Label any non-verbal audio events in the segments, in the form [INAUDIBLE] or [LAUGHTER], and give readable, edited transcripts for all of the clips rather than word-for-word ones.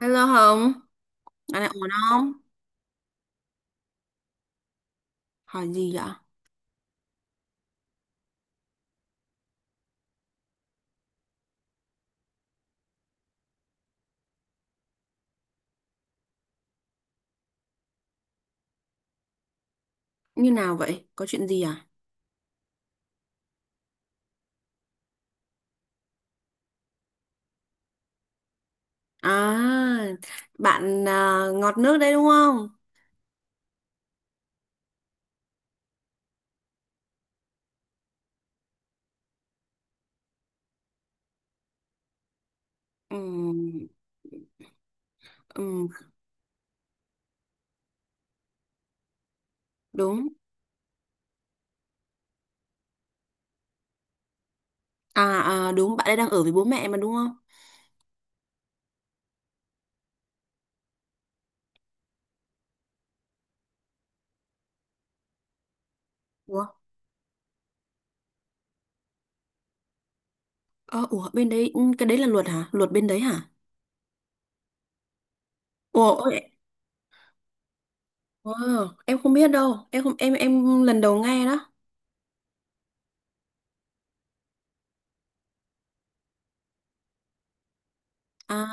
Hello Hồng, dạo này ổn không? Hỏi gì vậy? Như nào vậy? Có chuyện gì à? À, bạn à, ngọt nước đấy đúng không? Ừm, ừm, đúng. À, à, đúng, bạn ấy đang ở với bố mẹ mà đúng không? Ủa, ờ, ủa, bên đấy, cái đấy là luật hả? Luật bên đấy hả? Ủa, ôi, ờ, em không biết đâu, em không, em lần đầu nghe đó. À,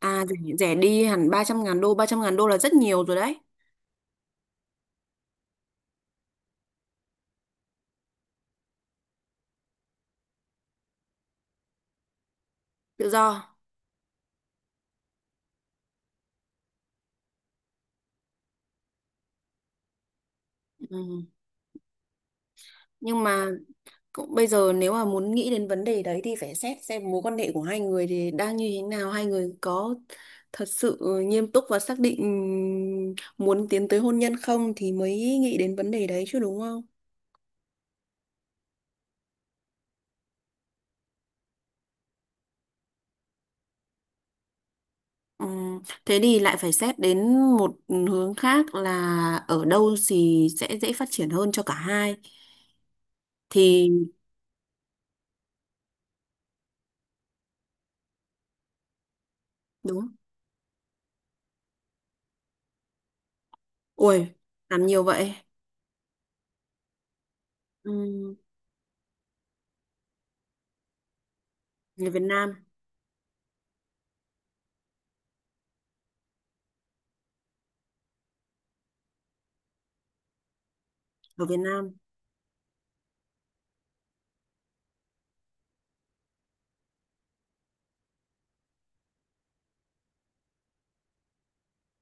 à, rẻ, đi hẳn 300.000 đô, 300.000 đô là rất nhiều rồi đấy. Tự do. Ừ. Nhưng mà cũng bây giờ nếu mà muốn nghĩ đến vấn đề đấy thì phải xét xem mối quan hệ của hai người thì đang như thế nào, hai người có thật sự nghiêm túc và xác định muốn tiến tới hôn nhân không thì mới nghĩ đến vấn đề đấy chứ đúng không? Thế thì lại phải xét đến một hướng khác là ở đâu thì sẽ dễ phát triển hơn cho cả hai. Thì đúng. Ui, làm nhiều vậy. Ừm, Người Việt Nam, ở Việt Nam.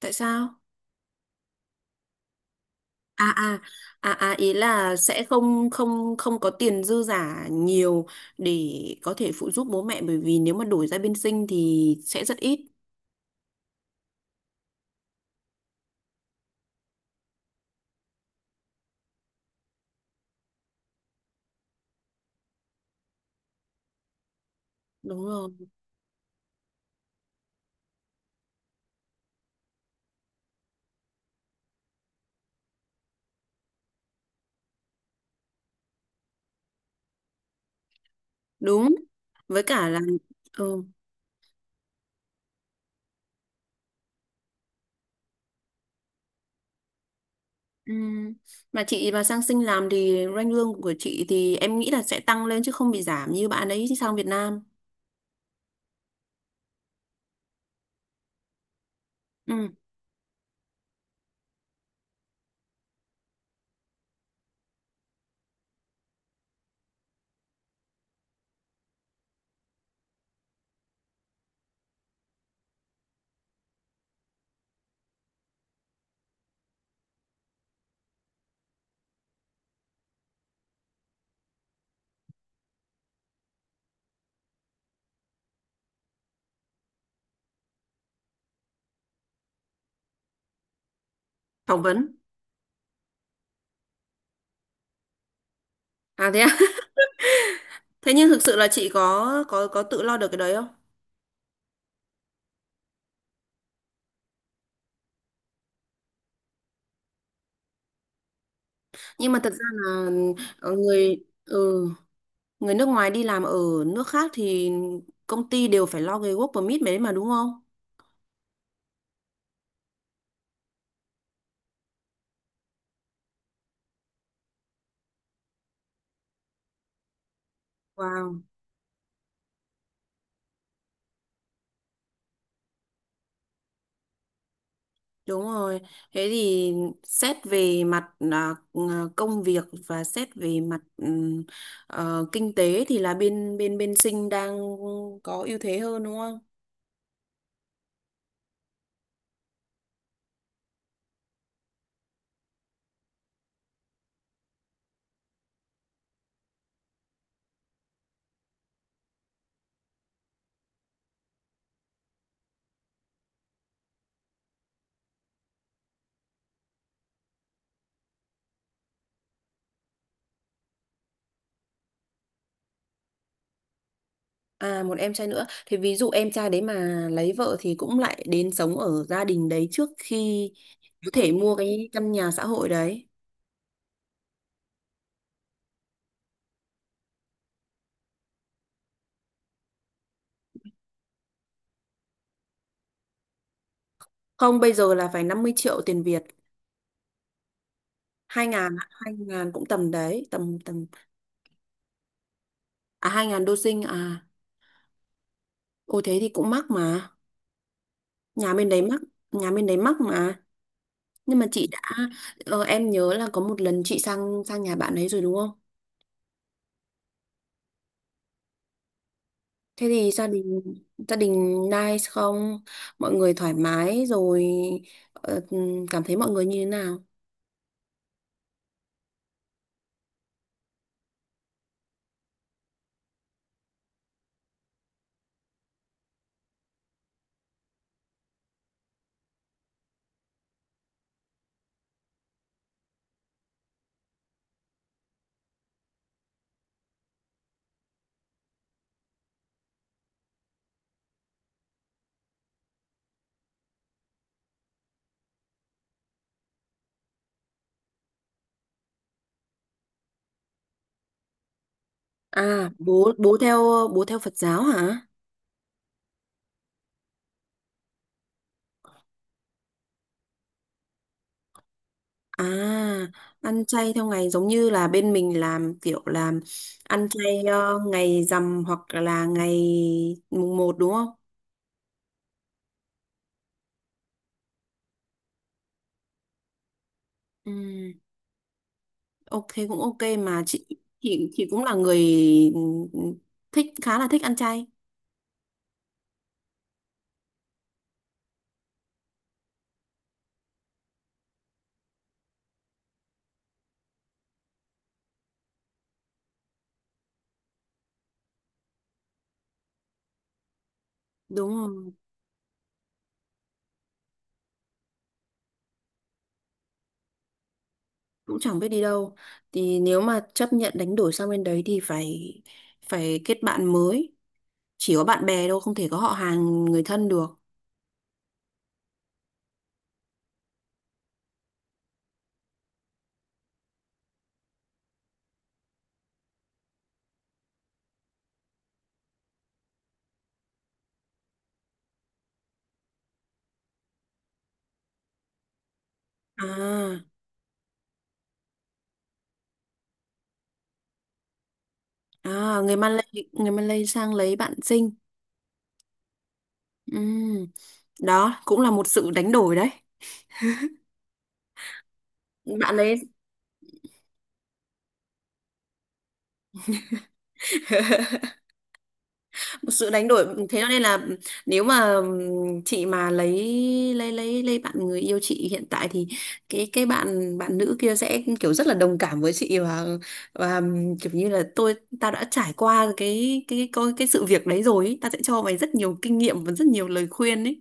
Tại sao? à à Ý là sẽ không không không có tiền dư giả nhiều để có thể phụ giúp bố mẹ bởi vì nếu mà đổi ra bên sinh thì sẽ rất ít. Đúng rồi, đúng, với cả là, ừ. Ừ, mà chị mà sang sinh làm thì ranh lương của chị thì em nghĩ là sẽ tăng lên chứ không bị giảm như bạn ấy sang Việt Nam, ừ. Phỏng vấn. À thế à? [LAUGHS] Thế nhưng thực sự là chị có tự lo được cái đấy không? Nhưng mà thật ra là, ờ, người ừ người nước ngoài đi làm ở nước khác thì công ty đều phải lo cái work permit đấy mà đúng không? Wow, đúng rồi. Thế thì xét về mặt, công việc và xét về mặt, kinh tế thì là bên bên bên Sinh đang có ưu thế hơn đúng không? À, một em trai nữa. Thì ví dụ em trai đấy mà lấy vợ thì cũng lại đến sống ở gia đình đấy trước khi có thể mua cái căn nhà xã hội đấy. Không, bây giờ là phải 50 triệu tiền Việt. Hai ngàn, 2.000 cũng tầm đấy, tầm tầm À, 2.000 đô sinh à? Ôi thế thì cũng mắc mà, nhà bên đấy mắc, nhà bên đấy mắc mà. Nhưng mà chị đã, em nhớ là có một lần chị sang sang nhà bạn ấy rồi đúng không? Thế thì gia đình, nice không, mọi người thoải mái rồi, ờ, cảm thấy mọi người như thế nào? À, bố bố theo Phật giáo hả? À, ăn chay theo ngày giống như là bên mình làm kiểu, ăn chay ngày rằm hoặc là ngày mùng một đúng không? Ừ, ok, cũng ok mà chị cũng là người, ừ, ừ, thích, khá là thích ăn chay. Đúng rồi, cũng chẳng biết đi đâu. Thì nếu mà chấp nhận đánh đổi sang bên đấy thì phải phải kết bạn mới. Chỉ có bạn bè đâu, không thể có họ hàng người thân được. À, à, người Malay. Người Malay sang lấy bạn sinh. Ừm, Đó cũng là một sự đánh đổi đấy. Bạn ấy. [LAUGHS] Một sự đánh đổi, thế cho nên là nếu mà, chị mà lấy bạn người yêu chị hiện tại thì cái bạn bạn nữ kia sẽ kiểu rất là đồng cảm với chị và, kiểu như là tao đã trải qua cái sự việc đấy rồi ý. Tao sẽ cho mày rất nhiều kinh nghiệm và rất nhiều lời khuyên ấy.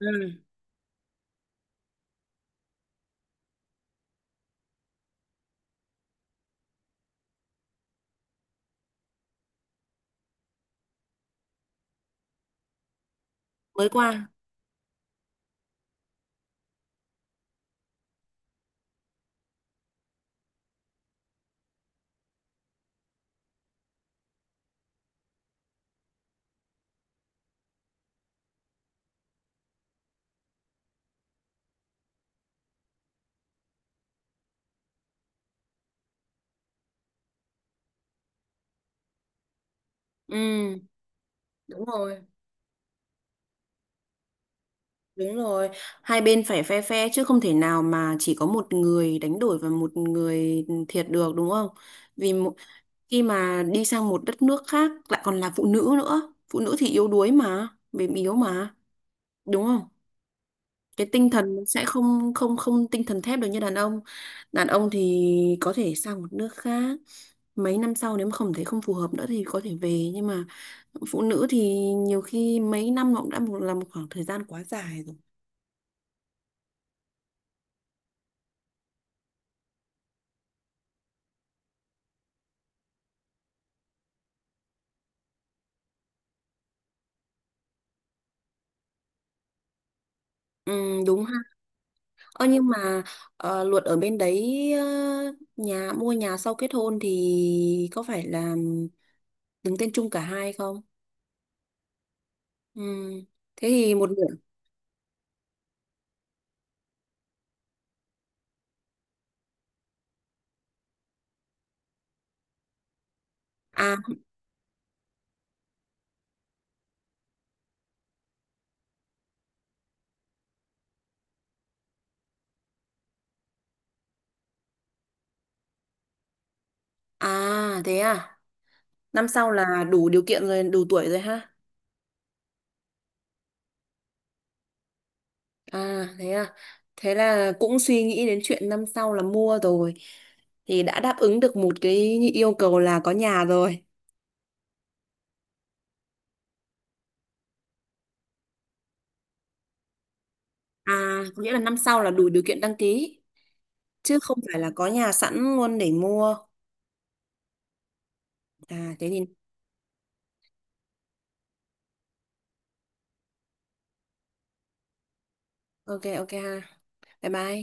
Ừ, mới qua. Ừ, đúng rồi. Đúng rồi, hai bên phải phe phe chứ không thể nào mà chỉ có một người đánh đổi và một người thiệt được đúng không? Vì mo- Khi mà đi sang một đất nước khác lại còn là phụ nữ nữa, phụ nữ thì yếu đuối mà, mềm yếu mà, đúng không? Cái tinh thần nó sẽ không không không tinh thần thép được như đàn ông. Đàn ông thì có thể sang một nước khác, mấy năm sau nếu mà không thấy không phù hợp nữa thì có thể về, nhưng mà phụ nữ thì nhiều khi mấy năm nó cũng đã, là một khoảng thời gian quá dài rồi. Ừ, đúng ha. Ơ nhưng mà, luật ở bên đấy, mua nhà sau kết hôn thì có phải là đứng tên chung cả hai không? Ừ. Thế thì một nửa. À, à, thế à, năm sau là đủ điều kiện rồi, đủ tuổi rồi ha? À, thế à, thế là cũng suy nghĩ đến chuyện năm sau là mua rồi, thì đã đáp ứng được một cái yêu cầu là có nhà rồi. À, có nghĩa là năm sau là đủ điều kiện đăng ký, chứ không phải là có nhà sẵn luôn để mua. À, thế thì ok, ok ha, bye bye.